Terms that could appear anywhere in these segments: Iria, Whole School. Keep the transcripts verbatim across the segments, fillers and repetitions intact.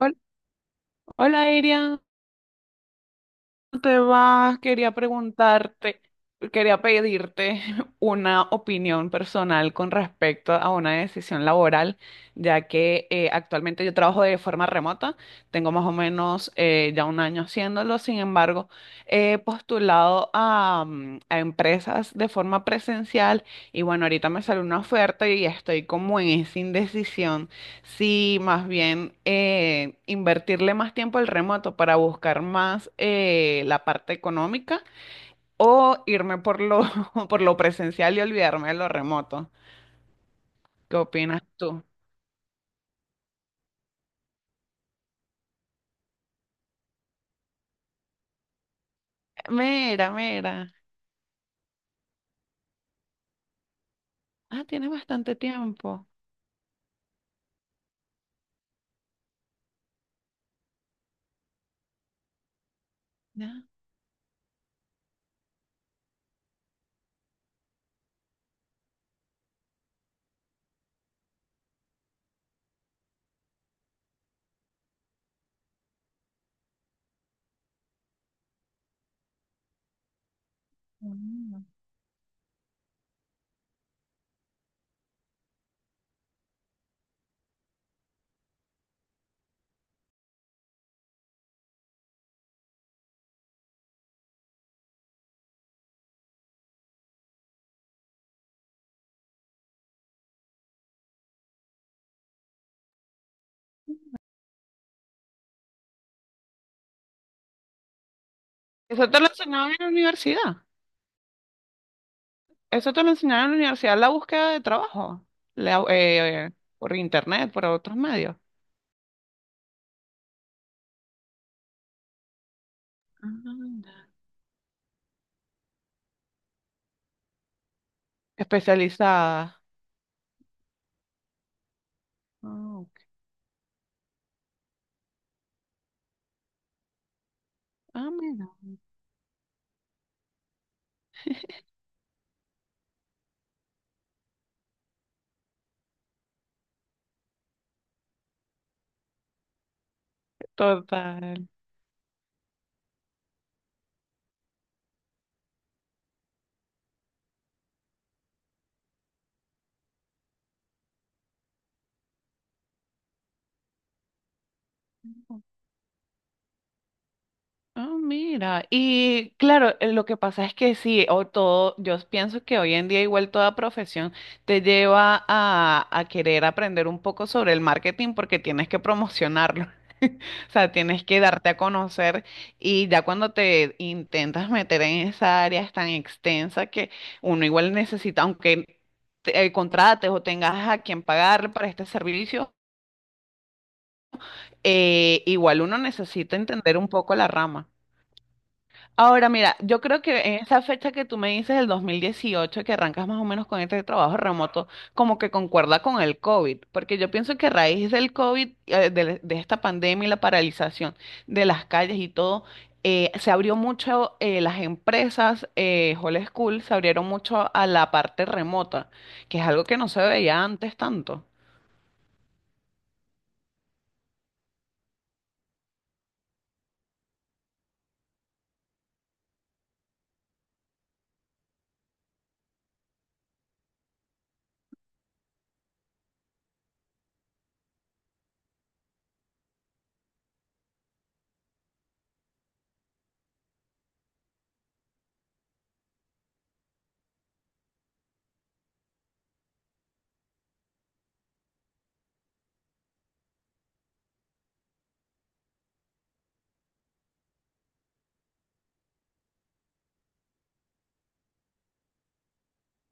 Hol- Hola, Iria, ¿cómo te va? Quería preguntarte, quería pedirte una opinión personal con respecto a una decisión laboral, ya que eh, actualmente yo trabajo de forma remota, tengo más o menos eh, ya un año haciéndolo. Sin embargo, he postulado a, mm, a empresas de forma presencial y bueno, ahorita me salió una oferta y estoy como en esa indecisión. Sí, más bien eh, invertirle más tiempo al remoto para buscar más eh, la parte económica, o irme por lo, por lo presencial y olvidarme de lo remoto. ¿Qué opinas tú? Mira, mira. Ah, tiene bastante tiempo. Ya. Mm. ¿Eso te lo enseñaron en la universidad? Eso te lo enseñaron en la universidad, la búsqueda de trabajo, la- eh, por internet, por otros medios. Anda. Especializada. Ah, ok. Ah, mira. Total. Ah, mira, y claro, eh, lo que pasa es que sí, o todo, yo pienso que hoy en día igual toda profesión te lleva a, a querer aprender un poco sobre el marketing porque tienes que promocionarlo, o sea, tienes que darte a conocer, y ya cuando te intentas meter en esa área es tan extensa que uno igual necesita, aunque te- eh, contrates o tengas a quien pagarle para este servicio, eh, igual uno necesita entender un poco la rama. Ahora, mira, yo creo que en esa fecha que tú me dices, el dos mil dieciocho, que arrancas más o menos con este trabajo remoto, como que concuerda con el COVID, porque yo pienso que a raíz del COVID, eh, de, de esta pandemia y la paralización de las calles y todo, eh, se abrió mucho eh, las empresas, eh, Whole School, se abrieron mucho a la parte remota, que es algo que no se veía antes tanto.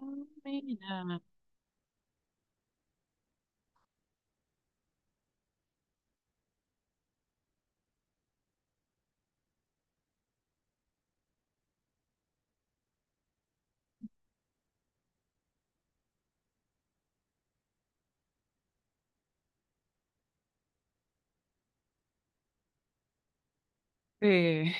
Ah, mira. Sí.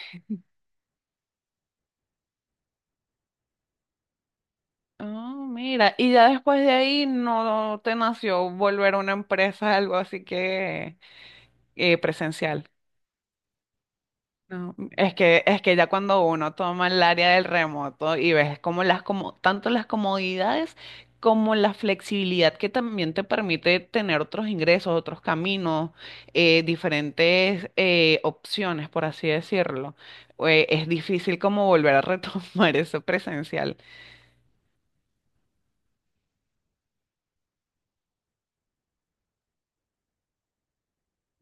Ah, mira, y ya después de ahí no te nació volver a una empresa, algo así que eh, presencial. No, es que, es que ya cuando uno toma el área del remoto y ves como las, como tanto las comodidades como la flexibilidad, que también te permite tener otros ingresos, otros caminos, eh, diferentes eh, opciones, por así decirlo, eh, es difícil como volver a retomar eso presencial.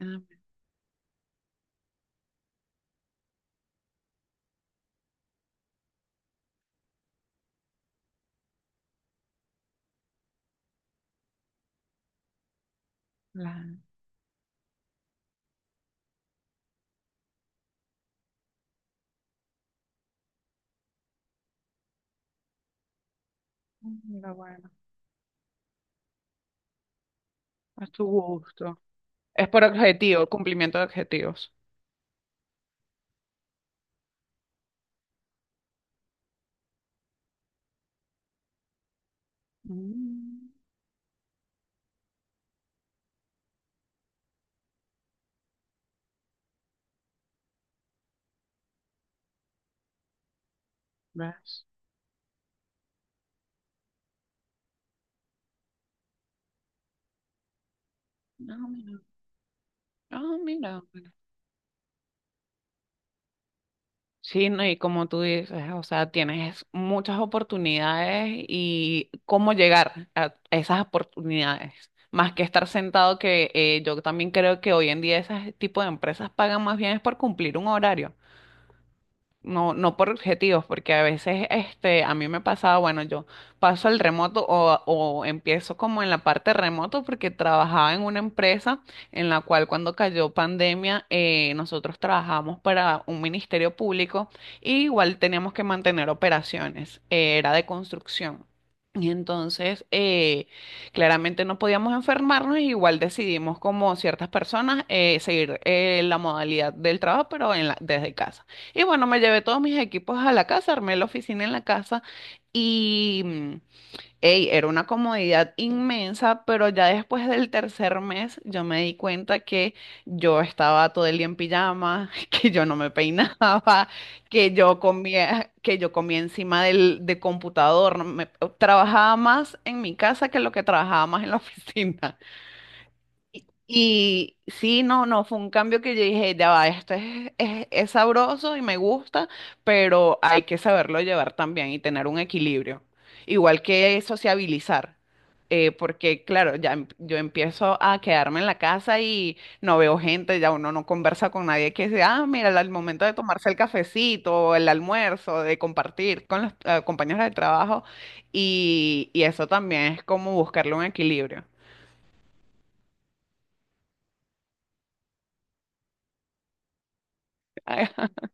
Ah, la- Mira, bueno. A tu gusto. Es por objetivo, cumplimiento de objetivos. Mm. ¿Ves? No, mira. No, mira. mira. Sí, no, y como tú dices, o sea, tienes muchas oportunidades y cómo llegar a esas oportunidades, más que estar sentado, que eh, yo también creo que hoy en día ese tipo de empresas pagan más bien es por cumplir un horario. No, no por objetivos, porque a veces este, a mí me pasaba, bueno, yo paso al remoto o, o empiezo como en la parte remoto porque trabajaba en una empresa en la cual cuando cayó pandemia eh, nosotros trabajamos para un ministerio público, y igual teníamos que mantener operaciones, eh, era de construcción. Y entonces, eh, claramente no podíamos enfermarnos, y igual decidimos como ciertas personas eh, seguir eh, la modalidad del trabajo, pero en la- desde casa. Y bueno, me llevé todos mis equipos a la casa, armé la oficina en la casa y, mm, ey, era una comodidad inmensa, pero ya después del tercer mes yo me di cuenta que yo estaba todo el día en pijama, que yo no me peinaba, que yo comía, que yo comía encima del, del computador, no me- trabajaba más en mi casa que lo que trabajaba más en la oficina. Y sí, no, no, fue un cambio que yo dije, ya va, esto es, es, es sabroso y me gusta, pero hay que saberlo llevar también y tener un equilibrio. Igual que sociabilizar, eh, porque claro, ya em- yo empiezo a quedarme en la casa y no veo gente, ya uno no conversa con nadie, que sea, ah, mira, al momento de tomarse el cafecito, o el almuerzo, de compartir con los eh, compañeros de trabajo, y, y eso también es como buscarle un equilibrio.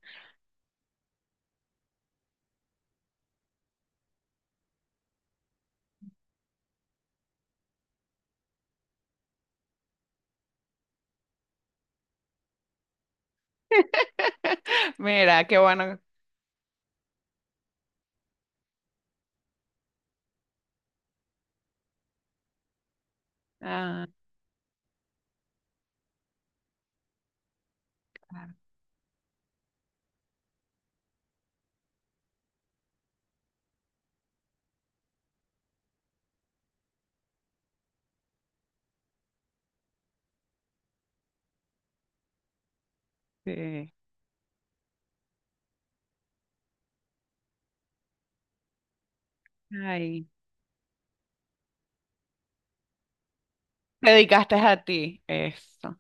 Mira, qué bueno. Ah, sí. Ay, te dedicaste a ti. Eso.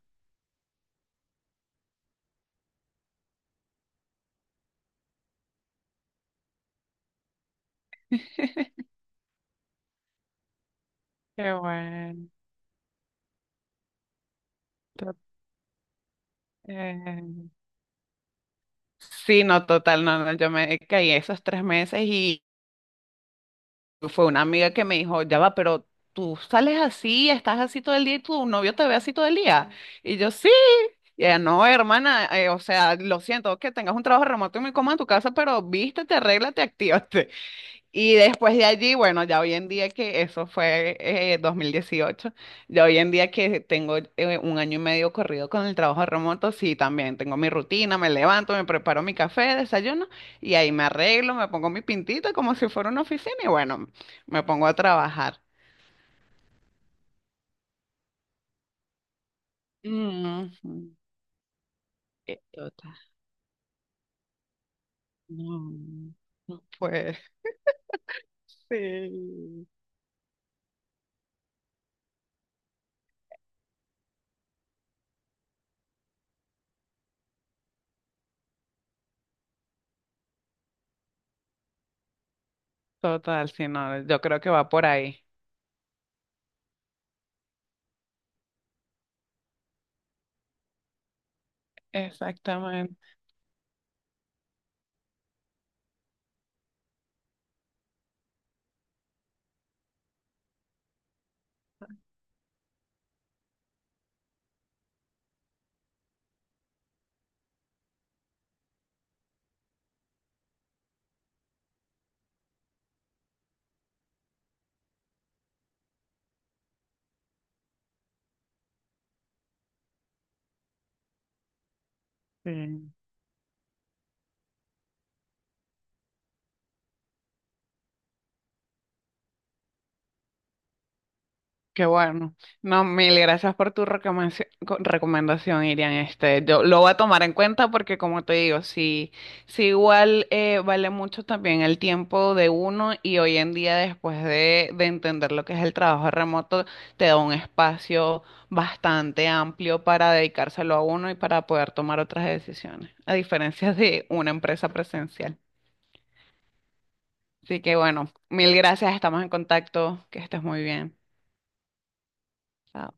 Qué bueno. to- eh, Sí, no, total, no, no, yo me caí esos tres meses y fue una amiga que me dijo, ya va, pero tú sales así, estás así todo el día y tu novio te ve así todo el día. Y yo, sí. Y ella, no, hermana, eh, o sea, lo siento que tengas un trabajo remoto y me coma en tu casa, pero vístete, arréglate, actívate. Y después de allí, bueno, ya hoy en día, que eso fue eh, dos mil dieciocho, ya hoy en día que tengo eh, un año y medio corrido con el trabajo remoto, sí, también tengo mi rutina, me levanto, me preparo mi café, desayuno y ahí me arreglo, me pongo mi pintita como si fuera una oficina y bueno, me pongo a trabajar. Ujú. Eh, Total. No, no, pues sí. Total, sí, no, yo creo que va por ahí. Exactamente. Sí. Qué bueno. No, mil gracias por tu recomendaci- co- recomendación, Irian. Este, yo lo voy a tomar en cuenta porque, como te digo, sí, sí igual eh, vale mucho también el tiempo de uno y hoy en día, después de, de entender lo que es el trabajo remoto, te da un espacio bastante amplio para dedicárselo a uno y para poder tomar otras decisiones, a diferencia de una empresa presencial. Así que, bueno, mil gracias. Estamos en contacto. Que estés muy bien. Chao.